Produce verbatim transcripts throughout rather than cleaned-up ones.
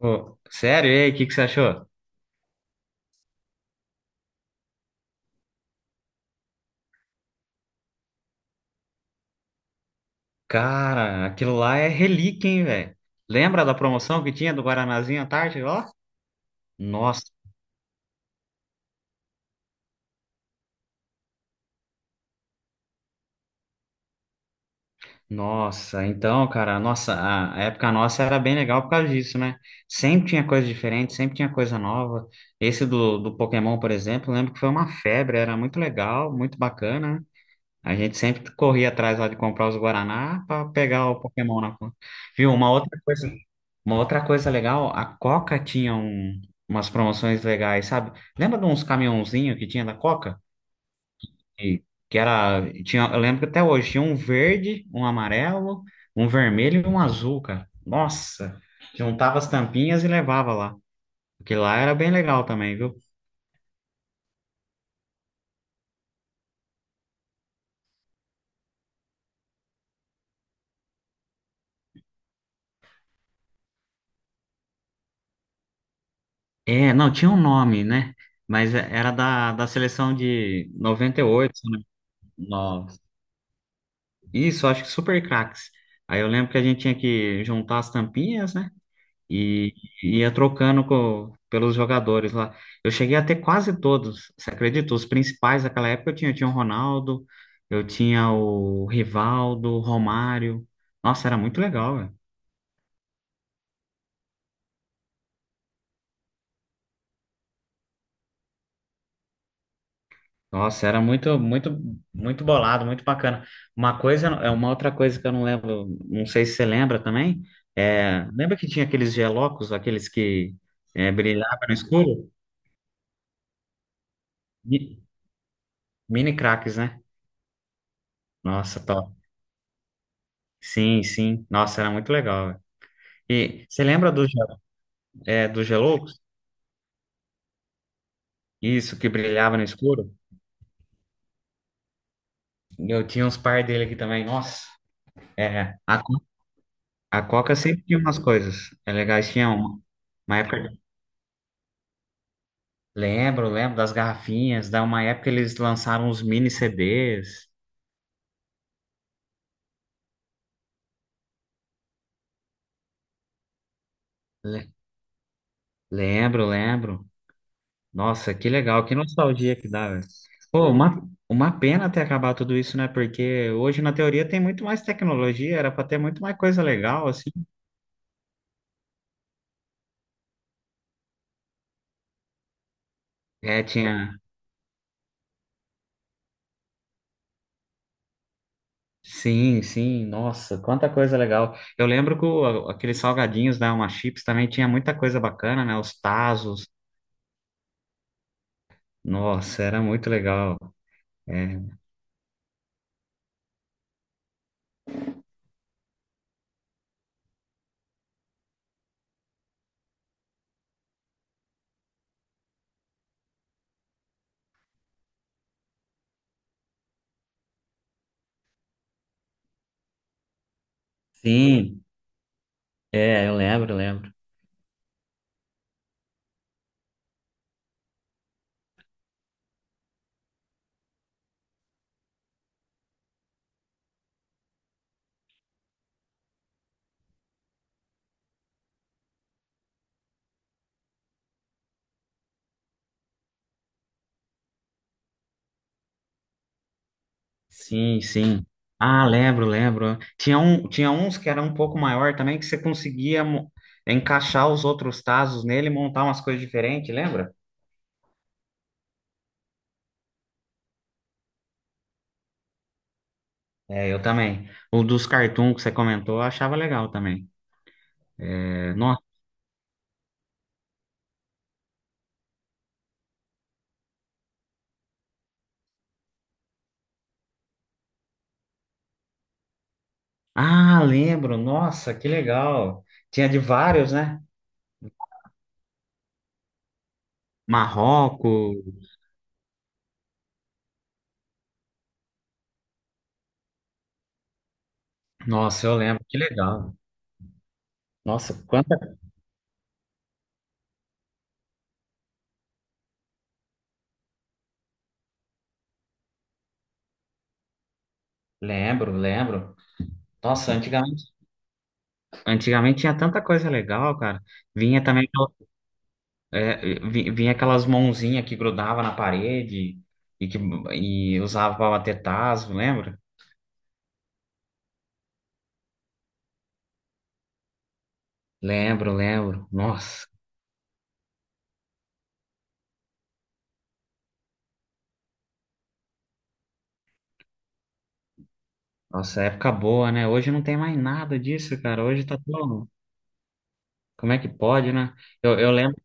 Ô, sério? E aí, o que que você achou? Cara, aquilo lá é relíquia, hein, velho? Lembra da promoção que tinha do Guaranazinho à tarde lá? Nossa, nossa. Então, cara, nossa, a a época nossa era bem legal por causa disso, né? Sempre tinha coisa diferente, sempre tinha coisa nova. Esse do, do Pokémon, por exemplo, eu lembro que foi uma febre, era muito legal, muito bacana, né? A gente sempre corria atrás lá de comprar os Guaraná para pegar o Pokémon na conta. Viu? Uma outra coisa, uma outra coisa legal, a Coca tinha um- umas promoções legais, sabe? Lembra de uns caminhãozinhos que tinha da Coca? E, que era, tinha, eu lembro que até hoje tinha um verde, um amarelo, um vermelho e um azul, cara. Nossa, juntava as tampinhas e levava lá. Porque lá era bem legal também, viu? É, não, tinha um nome, né? Mas era da, da seleção de noventa e oito. Não, isso, acho que super craques. Aí eu lembro que a gente tinha que juntar as tampinhas, né? E e ia trocando co- pelos jogadores lá. Eu cheguei a ter quase todos, você acredita? Os principais daquela época eu tinha, eu tinha o Ronaldo, eu tinha o Rivaldo, o Romário. Nossa, era muito legal, velho. Nossa, era muito, muito, muito bolado, muito bacana. Uma coisa, é uma outra coisa que eu não lembro, não sei se você lembra também. É, lembra que tinha aqueles gelocos, aqueles que é, brilhavam no escuro? Mi- Mini craques, né? Nossa, top. Sim, sim. Nossa, era muito legal, velho. E você lembra do Ge- é, do Geloucos? Isso, que brilhava no escuro? Eu tinha uns par dele aqui também. Nossa. É, a, Co- a Coca sempre tinha umas coisas. É legal, eles tinham uma, uma época. Lembro, lembro das garrafinhas. Da uma época eles lançaram uns mini C Ds. Le- lembro, lembro. Nossa, que legal, que nostalgia que dá, velho. Pô, uma, uma pena ter acabado tudo isso, né? Porque hoje, na teoria, tem muito mais tecnologia, era para ter muito mais coisa legal, assim. É, tinha. Sim, sim, nossa, quanta coisa legal. Eu lembro que o- aqueles salgadinhos da Uma Chips também tinha muita coisa bacana, né? Os Tazos, nossa, era muito legal. É. Sim, é, eu lembro, lembro. Sim, sim. Ah, lembro, lembro. Tinha um, tinha uns que era um pouco maior também, que você conseguia mo- encaixar os outros Tazos nele e montar umas coisas diferentes, lembra? É, eu também. O dos cartoon que você comentou, eu achava legal também. É, no- ah, lembro. Nossa, que legal. Tinha de vários, né? Marrocos. Nossa, eu lembro. Que legal. Nossa, quanta... Lembro, lembro. Nossa, antigamente, antigamente tinha tanta coisa legal, cara. Vinha também. É, vi- vinha aquelas mãozinhas que grudava na parede e que e usava até tazo, lembra? Lembro, lembro. Nossa, nossa, época boa, né? Hoje não tem mais nada disso, cara. Hoje tá tão. Como é que pode, né? Eu, eu lembro.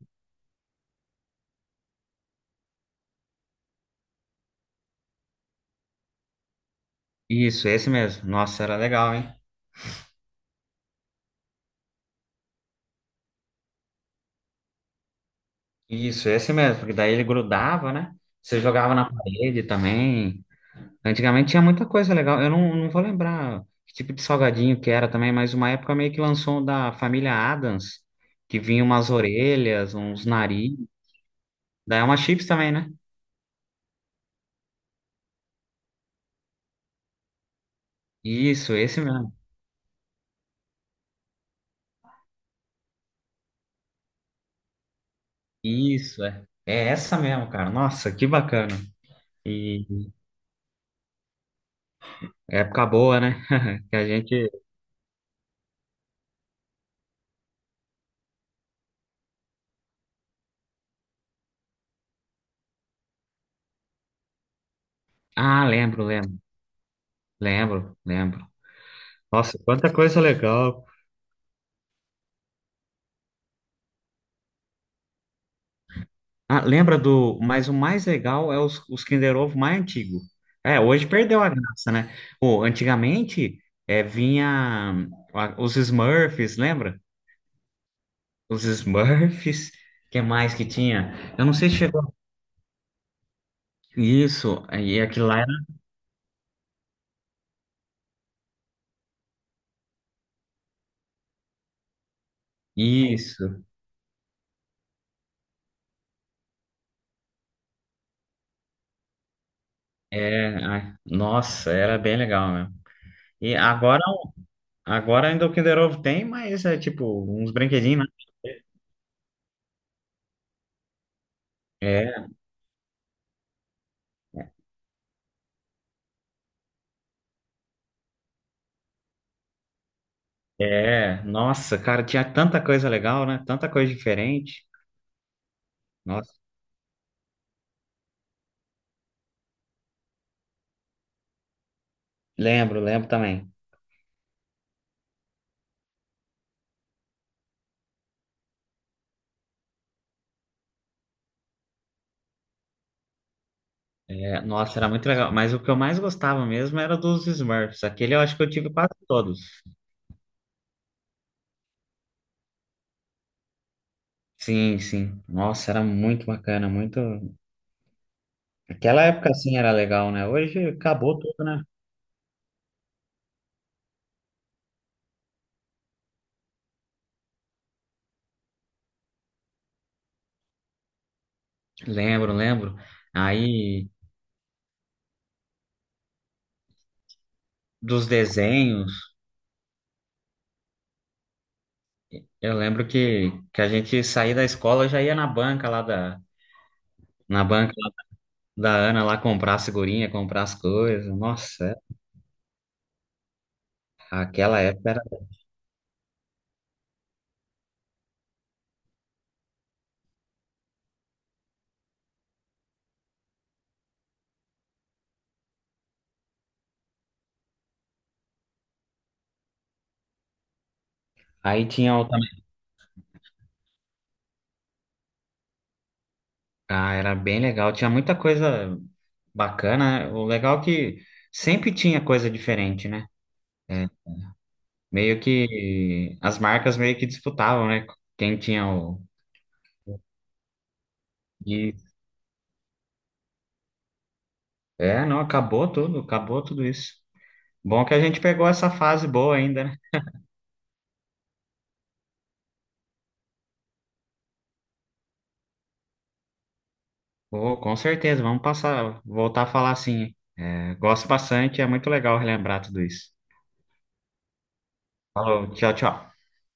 Isso, esse mesmo. Nossa, era legal, hein? Isso, esse mesmo, porque daí ele grudava, né? Você jogava na parede também. Antigamente tinha muita coisa legal. Eu não, não vou lembrar que tipo de salgadinho que era também, mas uma época meio que lançou um da família Adams, que vinha umas orelhas, uns nariz. Daí é uma chips também, né? Isso, esse mesmo. Isso, é. É essa mesmo, cara. Nossa, que bacana. E época boa, né? Que a gente. Ah, lembro, lembro, lembro, lembro. Nossa, quanta coisa legal. Ah, lembra do. Mas o mais legal é os, os Kinder Ovo mais antigo. É, hoje perdeu a graça, né? Pô, antigamente é, vinha a- os Smurfs, lembra? Os Smurfs, que mais que tinha? Eu não sei se chegou. Isso, e aquilo lá era. Isso, é, ai, nossa, era bem legal mesmo. E agora, agora ainda o Kinder Ovo tem, mas é tipo uns brinquedinhos, né? É, é. Nossa, cara, tinha tanta coisa legal, né? Tanta coisa diferente. Nossa. Lembro, lembro também. É, nossa, era muito legal. Mas o que eu mais gostava mesmo era dos Smurfs. Aquele eu acho que eu tive quase todos. Sim, sim. Nossa, era muito bacana, muito. Aquela época assim era legal, né? Hoje acabou tudo, né? Lembro, lembro. Aí dos desenhos, eu lembro que, que a gente saía da escola já ia na banca lá da na banca da Ana lá comprar as figurinha, comprar as coisas. Nossa, aquela época era. Aí tinha o também. Ah, era bem legal. Tinha muita coisa. Bacana, o legal é que sempre tinha coisa diferente, né? É, meio que as marcas meio que disputavam, né? Quem tinha o. E, é, não, acabou tudo, acabou tudo isso. Bom que a gente pegou essa fase boa ainda, né? Pô, com certeza, vamos passar, voltar a falar assim. É, gosto bastante, é muito legal relembrar tudo isso. Falou, tchau, tchau.